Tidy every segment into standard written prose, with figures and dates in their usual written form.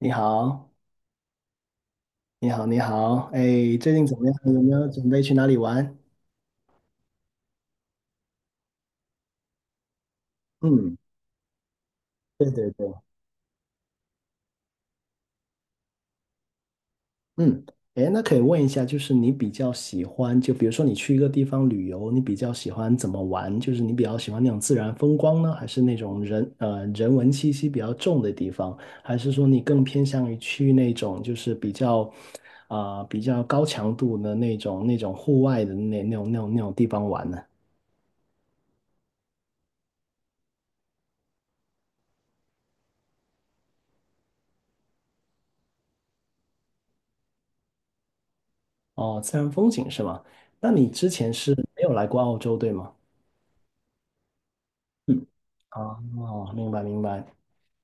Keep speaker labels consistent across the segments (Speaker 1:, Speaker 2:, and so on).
Speaker 1: 你好，你好，你好，哎，最近怎么样？有没有准备去哪里玩？嗯，对对对。嗯，哎，那可以问一下，就是你比较喜欢，就比如说你去一个地方旅游，你比较喜欢怎么玩？就是你比较喜欢那种自然风光呢，还是那种人文气息比较重的地方？还是说你更偏向于去那种就是比较比较高强度的那种户外的那种地方玩呢？哦，自然风景是吗？那你之前是没有来过澳洲，对吗？嗯，哦，明白明白。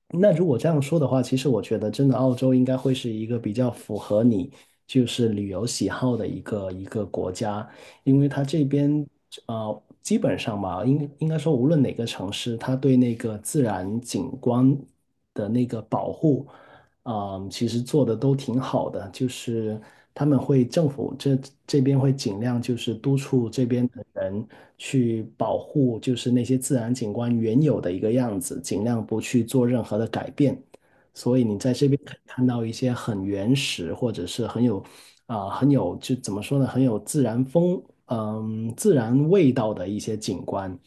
Speaker 1: 那如果这样说的话，其实我觉得真的澳洲应该会是一个比较符合你就是旅游喜好的一个国家，因为它这边基本上吧，应该说无论哪个城市，它对那个自然景观的那个保护，啊，其实做的都挺好的，就是他们会政府这边会尽量就是督促这边的人去保护，就是那些自然景观原有的一个样子，尽量不去做任何的改变。所以你在这边可以看到一些很原始，或者是很有很有就怎么说呢，很有自然味道的一些景观。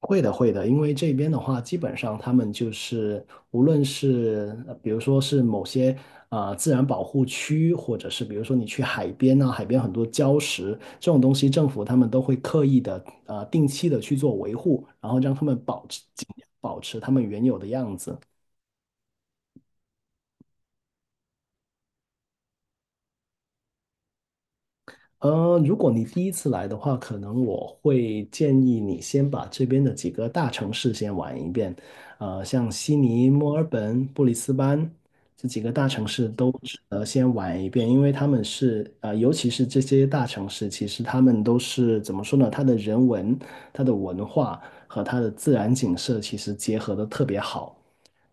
Speaker 1: 会的，会的，因为这边的话，基本上他们就是无论是比如说是某些自然保护区，或者是比如说你去海边啊，海边很多礁石这种东西，政府他们都会刻意的定期的去做维护，然后让他们保持尽量保持他们原有的样子。如果你第一次来的话，可能我会建议你先把这边的几个大城市先玩一遍。像悉尼、墨尔本、布里斯班这几个大城市都先玩一遍，因为他们是呃，尤其是这些大城市，其实他们都是怎么说呢？它的人文、它的文化和它的自然景色其实结合的特别好。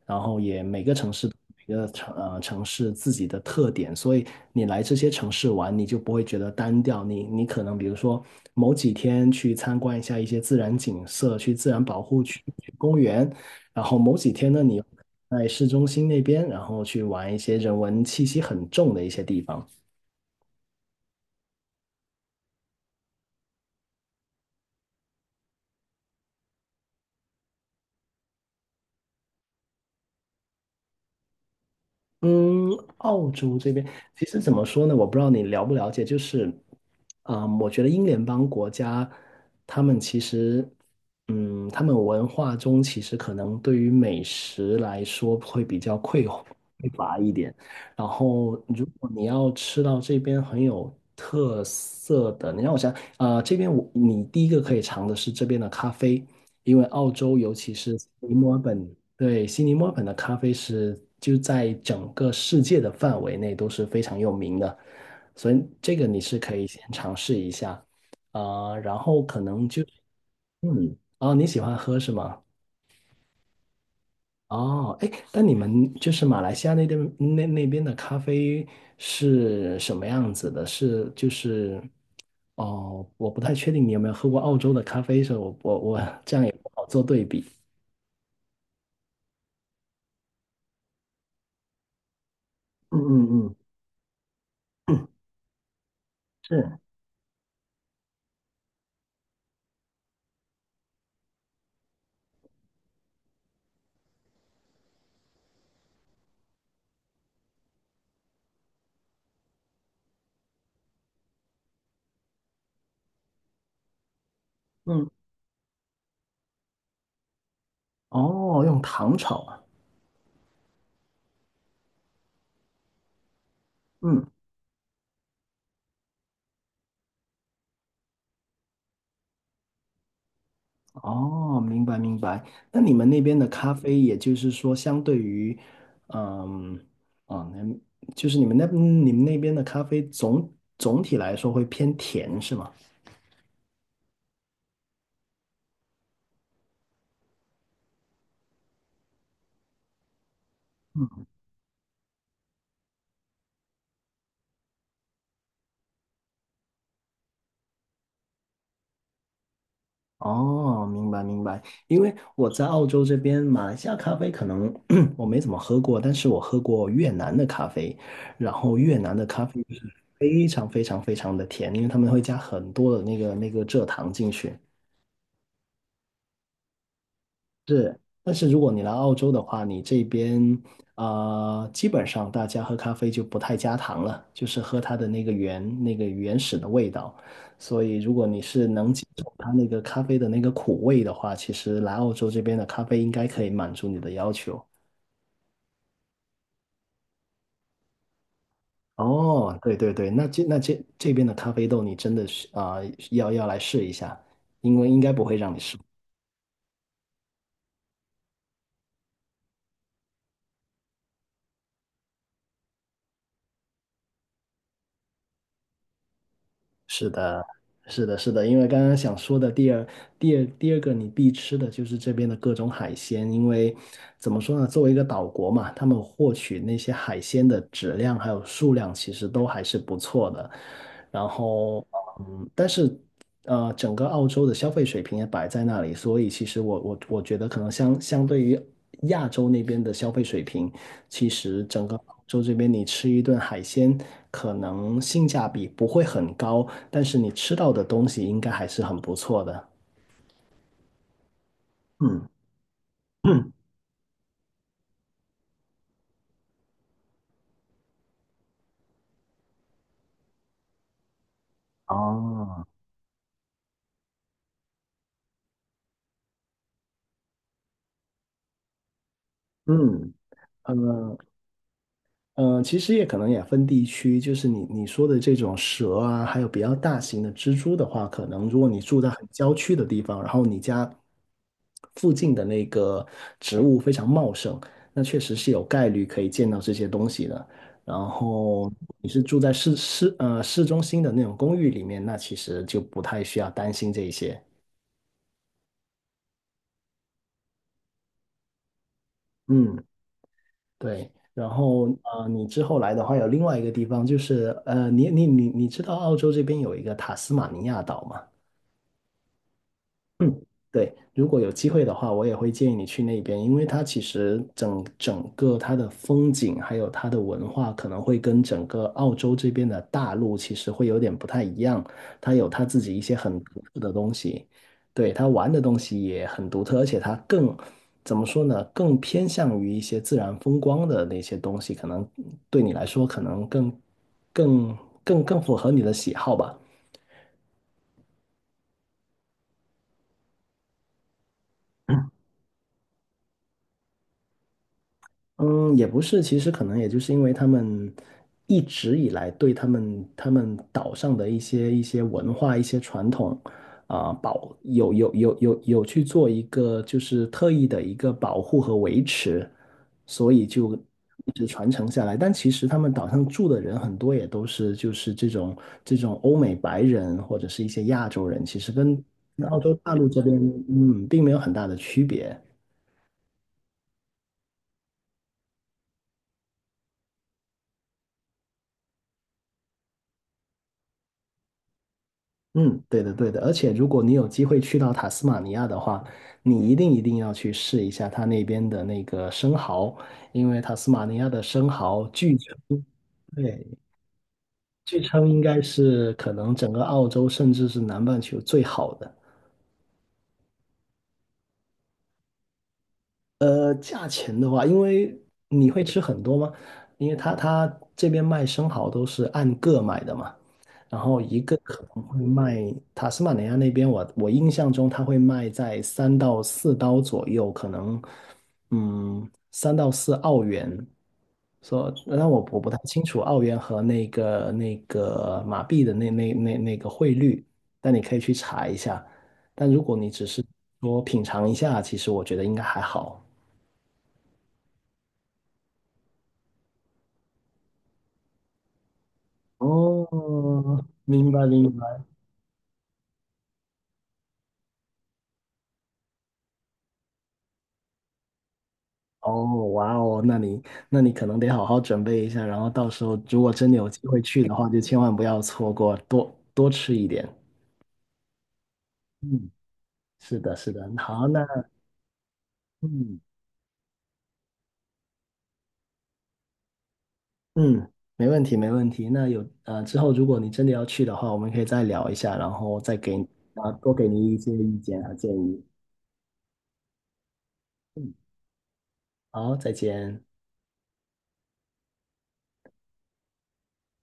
Speaker 1: 然后也每个城市每个城市自己的特点，所以你来这些城市玩，你就不会觉得单调。你可能比如说某几天去参观一下一些自然景色，去自然保护区、去公园，然后某几天呢，你在市中心那边，然后去玩一些人文气息很重的一些地方。嗯，澳洲这边其实怎么说呢？我不知道你了不了解，就是，嗯，我觉得英联邦国家，他们其实，嗯，他们文化中其实可能对于美食来说会比较匮乏一点。然后，如果你要吃到这边很有特色的，你让我想，这边你第一个可以尝的是这边的咖啡，因为澳洲尤其是悉尼墨尔本，对，悉尼墨尔本的咖啡是就在整个世界的范围内都是非常有名的，所以这个你是可以先尝试一下。然后可能就嗯，哦，你喜欢喝是吗？哦，哎，那你们就是马来西亚那边那边的咖啡是什么样子的？是就是，哦，我不太确定你有没有喝过澳洲的咖啡，所以我这样也不好做对比。嗯嗯嗯。嗯，是。嗯，哦，用糖炒啊。嗯，哦，明白明白。那你们那边的咖啡，也就是说，相对于，嗯，哦，那就是你们那边的咖啡总体来说会偏甜是吗？哦，明白明白，因为我在澳洲这边，马来西亚咖啡可能 我没怎么喝过，但是我喝过越南的咖啡，然后越南的咖啡就是非常非常非常的甜，因为他们会加很多的那个蔗糖进去。是，但是如果你来澳洲的话，你这边基本上大家喝咖啡就不太加糖了，就是喝它的那个原始的味道。所以，如果你是能接受它那个咖啡的那个苦味的话，其实来澳洲这边的咖啡应该可以满足你的要求。哦，对对对，那这边的咖啡豆，你真的是要要来试一下，因为应该不会让你失。是的，是的，是的，因为刚刚想说的第二个你必吃的就是这边的各种海鲜，因为怎么说呢，作为一个岛国嘛，他们获取那些海鲜的质量还有数量其实都还是不错的。然后，嗯，但是整个澳洲的消费水平也摆在那里，所以其实我觉得可能相对于亚洲那边的消费水平，其实整个澳洲这边你吃一顿海鲜，可能性价比不会很高，但是你吃到的东西应该还是很不错的。嗯，嗯哦，嗯，呃，嗯，其实也可能也分地区，就是你说的这种蛇啊，还有比较大型的蜘蛛的话，可能如果你住在很郊区的地方，然后你家附近的那个植物非常茂盛，那确实是有概率可以见到这些东西的。然后你是住在市中心的那种公寓里面，那其实就不太需要担心这一些。嗯。对，然后你之后来的话，有另外一个地方就是呃，你知道澳洲这边有一个塔斯马尼亚岛吗？嗯，对，如果有机会的话，我也会建议你去那边，因为它其实整个它的风景，还有它的文化，可能会跟整个澳洲这边的大陆其实会有点不太一样，它有它自己一些很独特的东西，对，它玩的东西也很独特，而且它更，怎么说呢，更偏向于一些自然风光的那些东西，可能对你来说可能更更更更符合你的喜好吧。嗯，也不是，其实可能也就是因为他们一直以来对他们岛上的一些文化、一些传统保有去做一个就是特意的一个保护和维持，所以就一直传承下来。但其实他们岛上住的人很多也都是就是这种欧美白人或者是一些亚洲人，其实跟跟澳洲大陆这边嗯并没有很大的区别。嗯，对的，对的。而且，如果你有机会去到塔斯马尼亚的话，你一定一定要去试一下它那边的那个生蚝，因为塔斯马尼亚的生蚝据称，对，据称应该是可能整个澳洲甚至是南半球最好的。呃，价钱的话，因为你会吃很多吗？因为他这边卖生蚝都是按个买的嘛。然后一个可能会卖塔斯马尼亚那边我，我印象中它会卖在三到四刀左右，可能嗯三到四澳元。说，那我我不太清楚澳元和那个马币的那个汇率，但你可以去查一下。但如果你只是说品尝一下，其实我觉得应该还好。哦，明白明白。哦，哇哦，那你那你可能得好好准备一下，然后到时候如果真的有机会去的话，就千万不要错过，多多吃一点。嗯，是的，是的。好，那嗯嗯，没问题，没问题。那有呃，之后如果你真的要去的话，我们可以再聊一下，然后再给多给你一些意见和建议。嗯，好，再见。